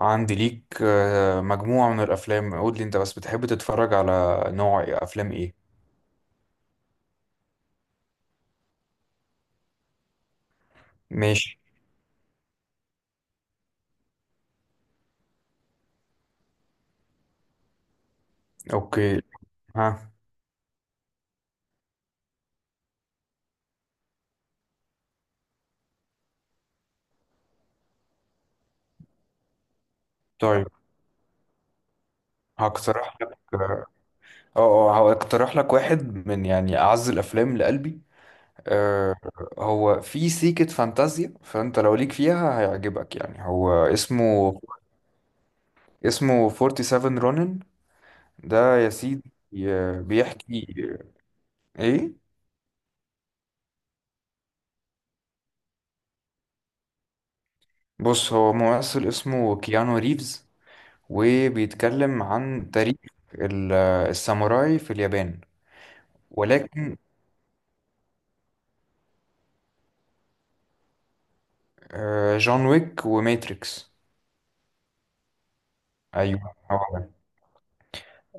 عندي ليك مجموعة من الأفلام. قول لي أنت بس بتحب تتفرج على نوع أفلام إيه؟ ماشي. أوكي. ها. طيب هقترح لك آه آه، أه هقترح لك واحد من يعني أعز الأفلام لقلبي. آه، هو في سيكة فانتازيا، فأنت لو ليك فيها هيعجبك. يعني هو اسمه 47 رونن، ده يا سيدي. بيحكي. إيه؟ بص، هو ممثل اسمه كيانو ريفز، وبيتكلم عن تاريخ ال- الساموراي في اليابان. ولكن جون ويك وماتريكس. ايوه هو ده.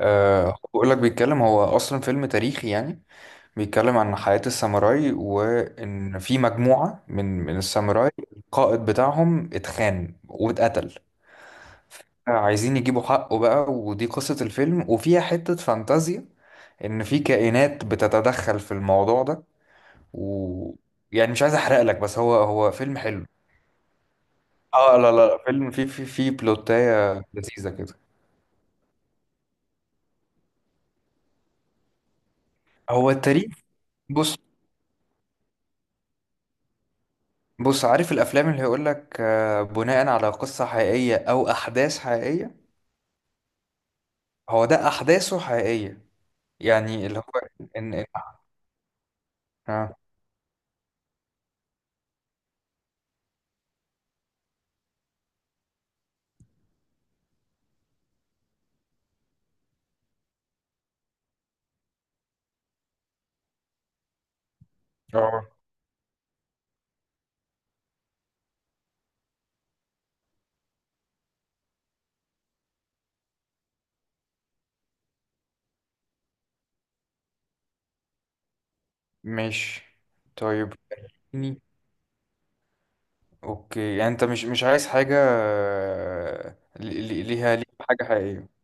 بقول لك، بيتكلم، هو اصلا فيلم تاريخي يعني. بيتكلم عن حياة الساموراي، وان في مجموعة من الساموراي، القائد بتاعهم اتخان واتقتل، عايزين يجيبوا حقه بقى. ودي قصة الفيلم. وفيها حتة فانتازيا، ان في كائنات بتتدخل في الموضوع ده. و يعني مش عايز احرق لك، بس هو هو فيلم حلو. اه لا لا لا، فيلم فيه بلوتاية لذيذة كده. هو التاريخ. بص بص عارف الافلام اللي هيقول لك بناء على قصة حقيقية او احداث حقيقية؟ هو ده احداثه حقيقية، يعني اللي هو ان ان اه اه مش. طيب. مم. اوكي، يعني انت مش عايز حاجة ليها حاجة حقيقية.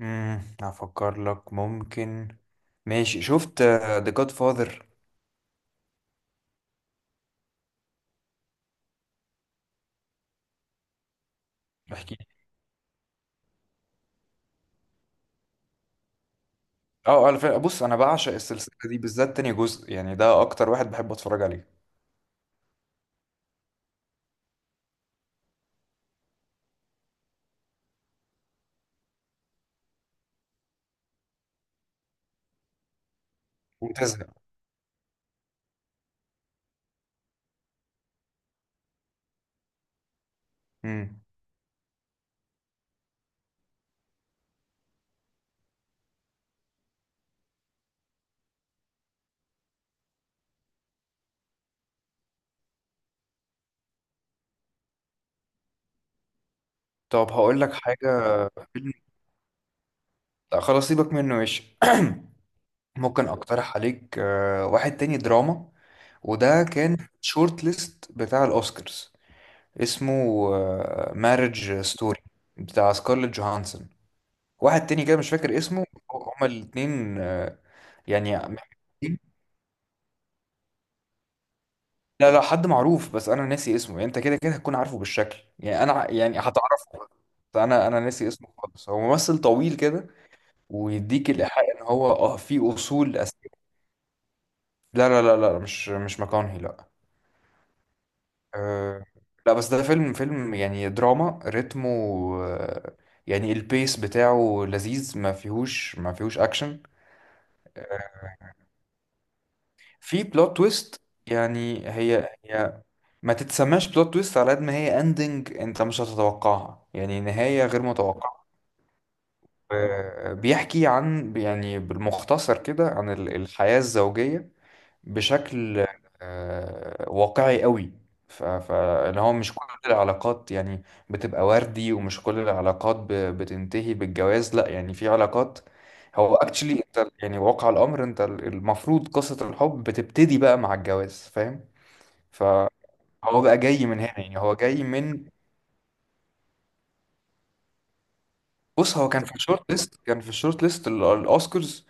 امم، افكر لك. ممكن. ماشي، شفت ذا جاد فاذر؟ احكي لي. اه، على فكره، بص انا بعشق السلسله دي، بالذات تاني جزء، يعني ده اكتر واحد بحب اتفرج عليه. وتزهق. امم. طب هقول لك حاجه، فيلم. لا، خلاص سيبك منه، ماشي. ممكن اقترح عليك واحد تاني دراما، وده كان شورت ليست بتاع الاوسكارز. اسمه مارج ستوري، بتاع سكارليت جوهانسون. واحد تاني كده مش فاكر اسمه. هما الاتنين يعني محمدين. لا لا، حد معروف، بس انا ناسي اسمه. يعني انت كده كده هتكون عارفه بالشكل، يعني هتعرفه. بس انا ناسي اسمه خالص. هو ممثل طويل كده، ويديك الايحاء ان هو اه في اصول أساسية. لا مش مكانهي، لا. أه، لا بس ده فيلم يعني دراما، رتمه آه، يعني البيس بتاعه لذيذ. ما فيهوش اكشن. في بلوت تويست، يعني هي ما تتسماش بلوت تويست على قد ما هي اندنج، انت مش هتتوقعها، يعني نهاية غير متوقعة. بيحكي عن، يعني بالمختصر كده، عن الحياة الزوجية، بشكل واقعي قوي. فاللي هو مش كل العلاقات يعني بتبقى وردي، ومش كل العلاقات بتنتهي بالجواز، لا يعني في علاقات، هو اكشلي انت يعني واقع الامر انت المفروض قصة الحب بتبتدي بقى مع الجواز، فاهم؟ فهو بقى جاي من هنا، يعني هو جاي من. بص هو كان في الشورت ليست، الاوسكارز.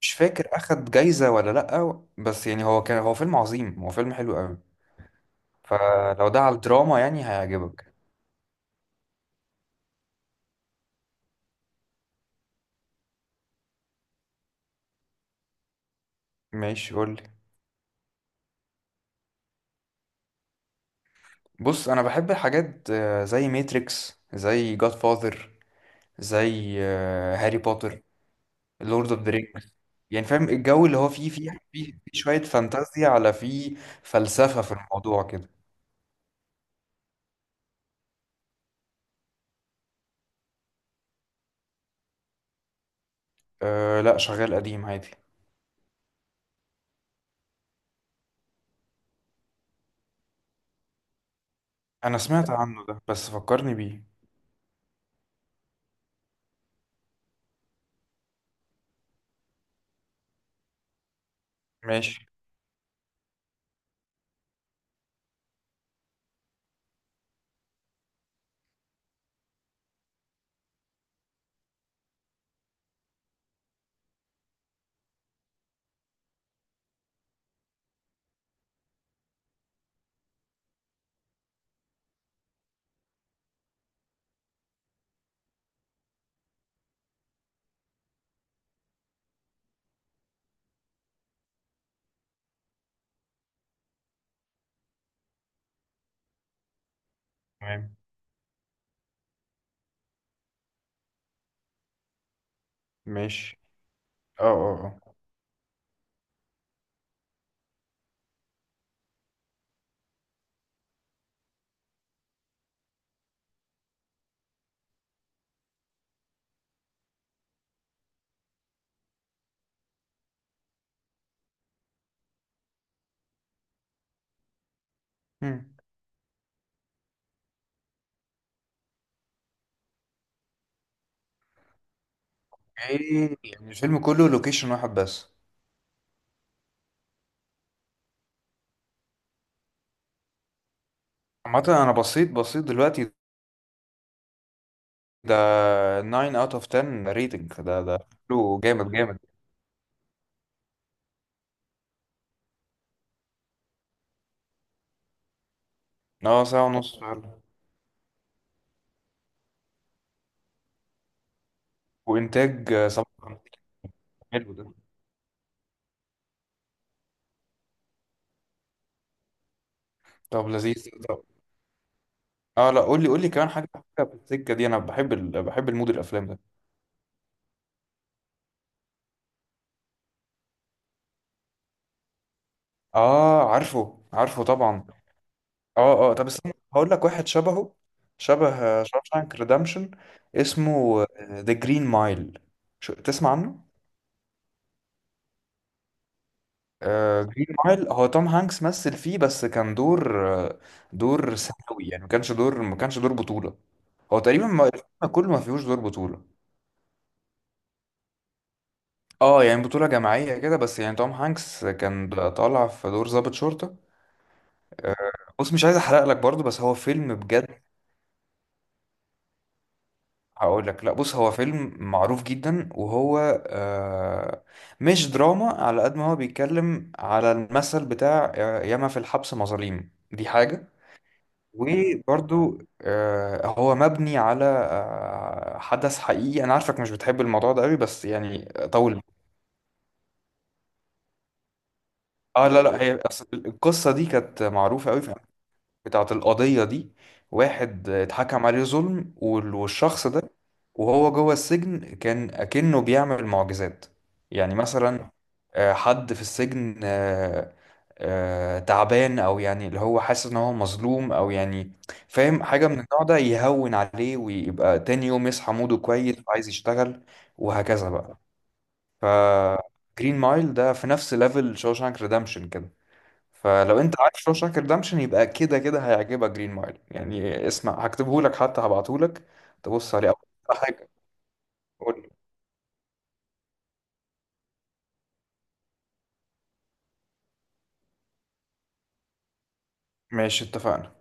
مش فاكر اخد جايزة ولا لا، بس يعني هو كان، هو فيلم عظيم، هو فيلم حلو قوي. فلو ده على الدراما يعني هيعجبك. ماشي، قولي. بص انا بحب الحاجات زي ماتريكس، زي جاد فاذر، زي هاري بوتر، لورد اوف ذا رينجز. يعني فاهم الجو اللي هو فيه شوية فانتازيا، على فيه فلسفة في الموضوع كده. أه لا، شغال قديم عادي. انا سمعت عنه ده، بس فكرني بيه. ماشي. تمام. ماشي. اه اه اه. مم. ايه يعني الفيلم كله لوكيشن واحد بس؟ عامة انا بصيت دلوقتي، ده 9 اوت اوف 10 ريتنج. ده حلو جامد. اه 1:30 فعلا. وانتاج 57. حلو ده. طب لذيذ، طب. اه لا، قول لي كمان حاجة، حاجة في السكة دي. انا بحب ال... بحب المود الافلام ده. اه عارفه طبعا. اه طب استنى هقول لك واحد شبهه، شبه شاوشانك ريدمشن. اسمه ذا جرين مايل، شو تسمع عنه. جرين مايل هو توم هانكس مثل فيه، بس كان دور دور ثانوي يعني. ما كانش دور بطولة. هو تقريبا، ما الفيلم كله ما فيهوش دور بطولة. اه، يعني بطولة جماعية كده، بس يعني توم هانكس كان طالع في دور ضابط شرطة. آه، بص مش عايز احرق لك برضو، بس هو فيلم بجد. هقول لك، لا بص هو فيلم معروف جدا، وهو آه، مش دراما على قد ما هو بيتكلم على المثل بتاع ياما في الحبس مظاليم، دي حاجة. وبرضو هو مبني على حدث حقيقي. انا عارفك مش بتحب الموضوع ده قوي، بس يعني طول. اه لا لا، هي أصل القصه دي كانت معروفه قوي، بتاعت القضية دي. واحد اتحكم عليه ظلم، والشخص ده وهو جوه السجن كان أكنه بيعمل معجزات. يعني مثلا حد في السجن تعبان، أو يعني اللي هو حاسس إن هو مظلوم، أو يعني فاهم حاجة من النوع ده، يهون عليه ويبقى تاني يوم يصحى موده كويس وعايز يشتغل، وهكذا بقى. ف جرين مايل ده في نفس ليفل شوشانك ريدمشن كده. فلو انت عارف شوشانك ريدمشن يبقى كده كده هيعجبك جرين مايل. يعني اسمع، هكتبهولك حتى، هبعتهولك تبص عليه اول حاجة. قول لي. ماشي، اتفقنا.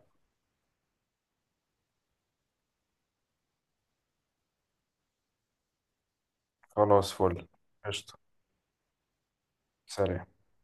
خلاص، فل. قشطة. سلام.